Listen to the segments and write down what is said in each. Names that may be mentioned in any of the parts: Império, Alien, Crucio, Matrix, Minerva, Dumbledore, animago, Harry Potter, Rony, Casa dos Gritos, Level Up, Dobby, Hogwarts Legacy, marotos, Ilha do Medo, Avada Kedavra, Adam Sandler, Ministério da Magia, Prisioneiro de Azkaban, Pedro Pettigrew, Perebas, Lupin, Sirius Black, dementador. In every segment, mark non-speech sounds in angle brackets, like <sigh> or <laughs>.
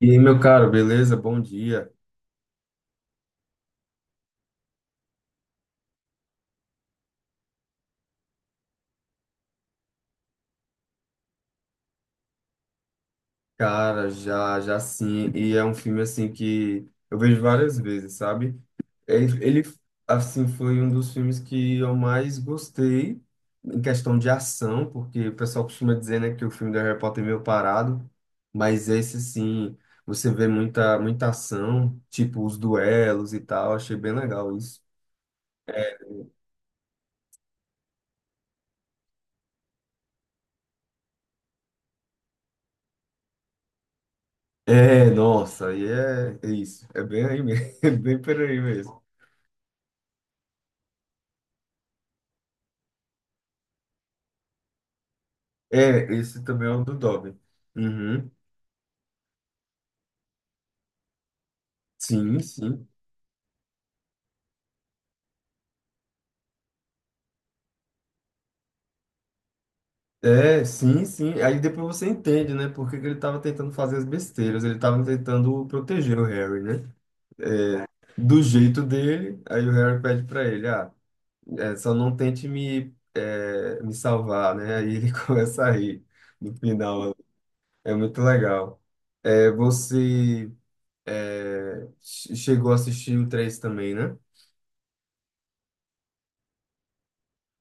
E aí, meu caro, beleza? Bom dia. Cara, já sim. E é um filme, assim, que eu vejo várias vezes, sabe? Ele, ele, assim, foi um dos filmes que eu mais gostei em questão de ação, porque o pessoal costuma dizer, né, que o filme do Harry Potter é meio parado, mas esse, sim, você vê muita ação, tipo os duelos e tal. Achei bem legal isso. É, nossa, é isso. É bem aí mesmo. <laughs> É bem por aí mesmo. É, esse também é o do Dobby. Uhum. Sim, sim. É, sim, sim. Aí depois você entende, né? Por que que ele estava tentando fazer as besteiras. Ele estava tentando proteger o Harry, né? Do jeito dele, aí o Harry pede para ele, ah, só não tente me, me salvar, né? Aí ele <laughs> começa a rir no final. É muito legal. É, você chegou a assistir o 3 também, né?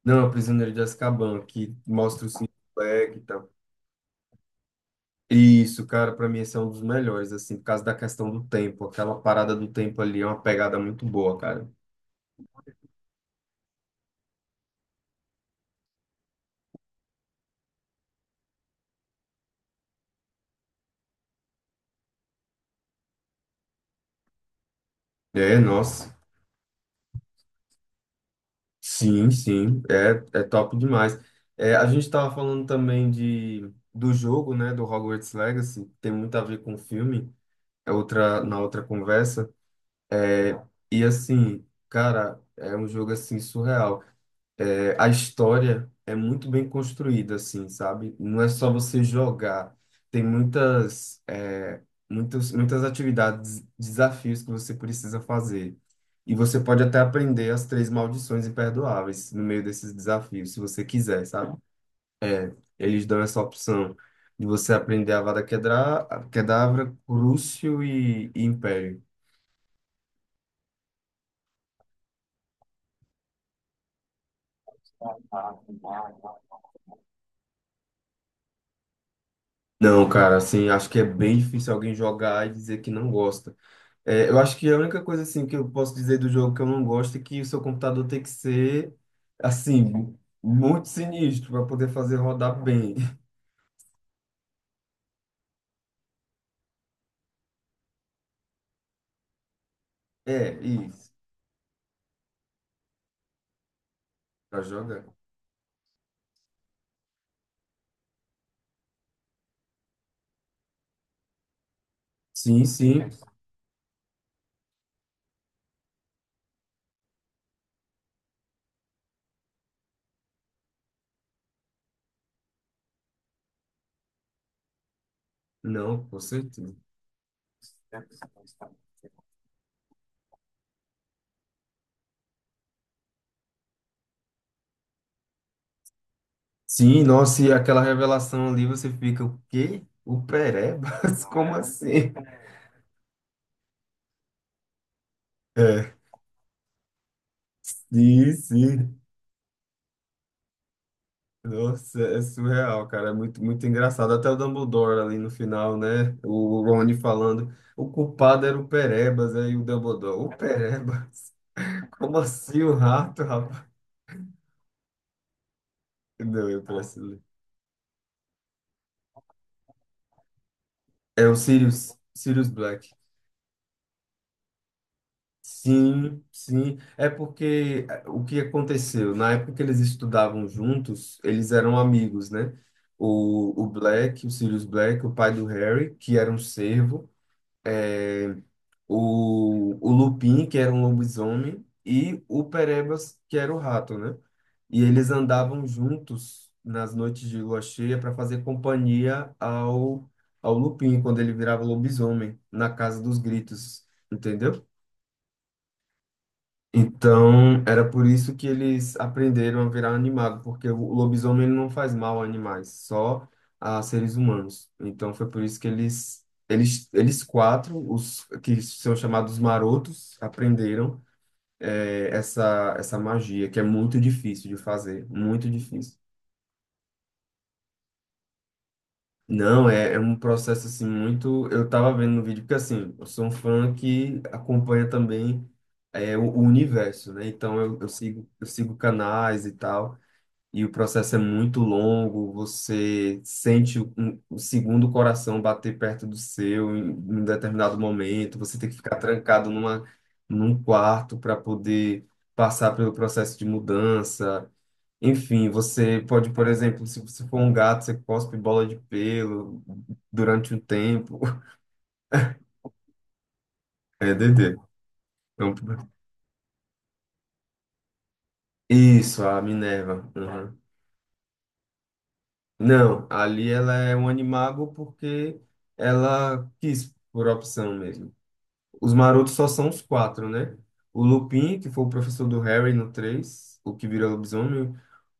Não, é o Prisioneiro de Azkaban, que mostra o Sirius Black. Isso, cara, pra mim esse é um dos melhores, assim, por causa da questão do tempo. Aquela parada do tempo ali é uma pegada muito boa, cara. É, nossa. Sim, sim, é top demais. É, a gente estava falando também do jogo, né, do Hogwarts Legacy, tem muito a ver com o filme, é outra, na outra conversa. É, e assim, cara, é um jogo assim surreal. É, a história é muito bem construída, assim, sabe? Não é só você jogar. Tem muitas, muitas atividades, desafios que você precisa fazer. E você pode até aprender as três maldições imperdoáveis no meio desses desafios, se você quiser, sabe? Eles dão essa opção de você aprender a Kedavra, Crucio e Império. Não, cara, assim, acho que é bem difícil alguém jogar e dizer que não gosta. É, eu acho que a única coisa, assim, que eu posso dizer do jogo que eu não gosto é que o seu computador tem que ser, assim, muito sinistro para poder fazer rodar bem. <laughs> É, isso, para jogar. Sim, sim. Não, com certeza. Sim, nossa, e aquela revelação ali, você fica, o quê? O Perebas? <laughs> Como assim? É, sim, sim. Nossa, é surreal, cara. É muito, muito engraçado. Até o Dumbledore ali no final, né? O Rony falando. O culpado era o Perebas, aí o Dumbledore. O Perebas? <laughs> Como assim o rato, rapaz? Não, eu preciso. É o Sirius, Sirius Black. Sim, sim. É porque o que aconteceu? Na época que eles estudavam juntos, eles eram amigos, né? O Black, o Sirius Black, o pai do Harry, que era um cervo. O Lupin, que era um lobisomem, e o Perebas, que era o rato, né? E eles andavam juntos nas noites de lua cheia para fazer companhia ao, ao Lupin, quando ele virava lobisomem, na Casa dos Gritos, entendeu? Então, era por isso que eles aprenderam a virar animago, porque o lobisomem ele não faz mal a animais, só a seres humanos. Então, foi por isso que eles quatro, os que são chamados marotos, aprenderam essa magia, que é muito difícil de fazer, muito difícil. Não, é um processo assim muito. Eu tava vendo no vídeo, porque assim, eu sou um fã que acompanha também o universo, né? Então eu sigo canais e tal. E o processo é muito longo, você sente o segundo coração bater perto do seu em um determinado momento, você tem que ficar trancado numa, num quarto para poder passar pelo processo de mudança. Enfim, você pode, por exemplo, se você for um gato, você cospe bola de pelo durante um tempo. <laughs> É, Dedê. Então, isso, a Minerva. Uhum. Não, ali ela é um animago porque ela quis, por opção mesmo. Os marotos só são os quatro, né? O Lupin, que foi o professor do Harry no 3 o que vira lobisomem,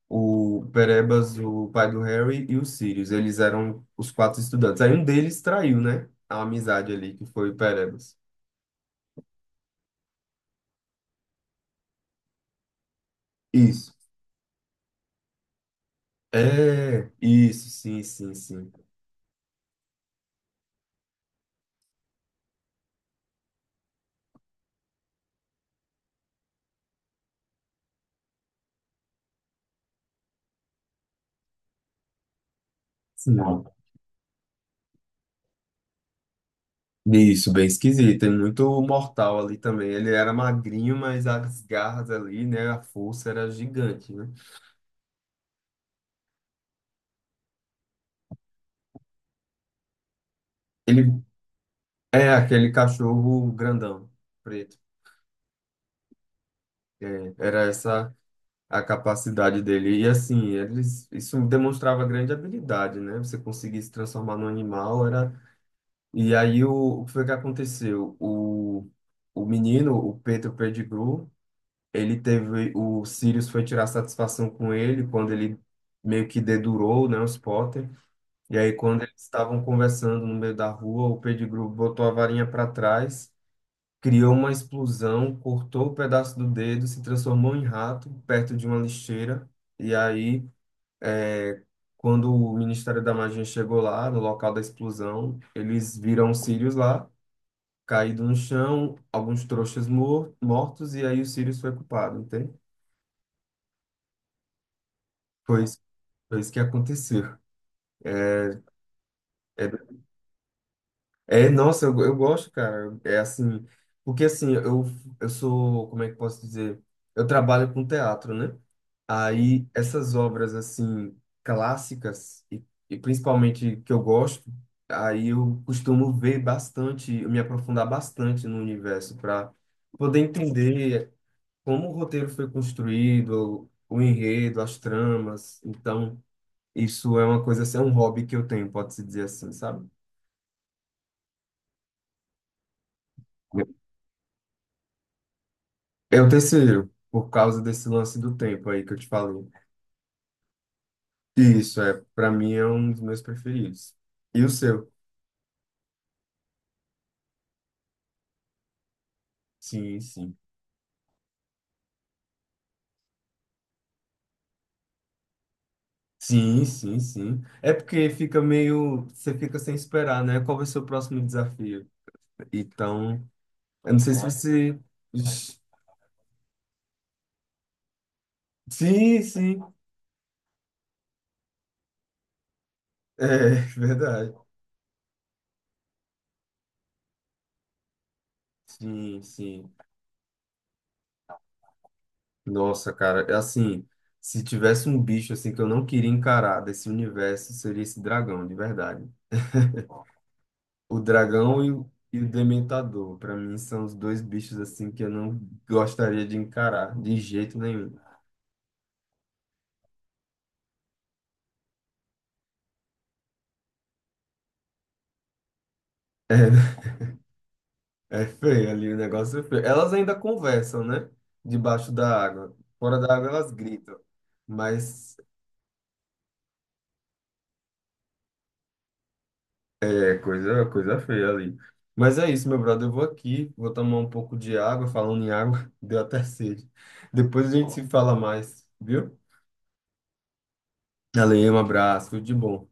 o Perebas, o pai do Harry, e o Sirius. Eles eram os quatro estudantes. Aí um deles traiu, né? A amizade ali, que foi o Perebas. Isso. É, isso, sim, sim, sim. Sim. Isso, bem esquisito. Tem muito mortal ali também. Ele era magrinho, mas as garras ali, né? A força era gigante, né? Ele é aquele cachorro grandão preto. É, era essa a capacidade dele. E assim, eles, isso demonstrava grande habilidade, né? Você conseguir se transformar num animal era. E aí o que foi que aconteceu? O menino, o Pedro Pettigrew, ele teve. O Sirius foi tirar satisfação com ele quando ele meio que dedurou, né, os Potter. E aí, quando eles estavam conversando no meio da rua, o Pettigrew botou a varinha para trás, criou uma explosão, cortou o pedaço do dedo, se transformou em rato perto de uma lixeira. E aí, quando o Ministério da Magia chegou lá, no local da explosão, eles viram o Sirius lá, caído no chão, alguns trouxas mortos, e aí o Sirius foi culpado, entende? Foi isso, foi isso que aconteceu. É, é, nossa, eu gosto, cara. É assim, porque assim, eu sou, como é que eu posso dizer? Eu trabalho com teatro, né? Aí essas obras assim clássicas e, e principalmente que eu gosto, aí eu costumo ver bastante, me aprofundar bastante no universo para poder entender como o roteiro foi construído, o enredo, as tramas. Então, isso é uma coisa assim, é um hobby que eu tenho, pode-se dizer assim, sabe? É o terceiro, por causa desse lance do tempo aí que eu te falei. Isso, é, para mim é um dos meus preferidos. E o seu? Sim, sim. Sim, sim, sim. É porque fica meio, você fica sem esperar, né? Qual vai ser o próximo desafio? Então, eu não sei se você... Sim, sim. É <laughs> verdade. Sim, sim. Nossa, cara, é assim, se tivesse um bicho assim que eu não queria encarar desse universo, seria esse dragão, de verdade. O dragão e o dementador, para mim, são os dois bichos assim que eu não gostaria de encarar de jeito nenhum. É, <laughs> é feio ali, o negócio é feio. Elas ainda conversam, né? Debaixo da água. Fora da água elas gritam. Mas é coisa, coisa feia ali. Mas é isso, meu brother. Eu vou aqui, vou tomar um pouco de água. Falando em água, <laughs> deu até sede. Depois a gente se fala mais, viu? Valeu, um abraço, tudo de bom.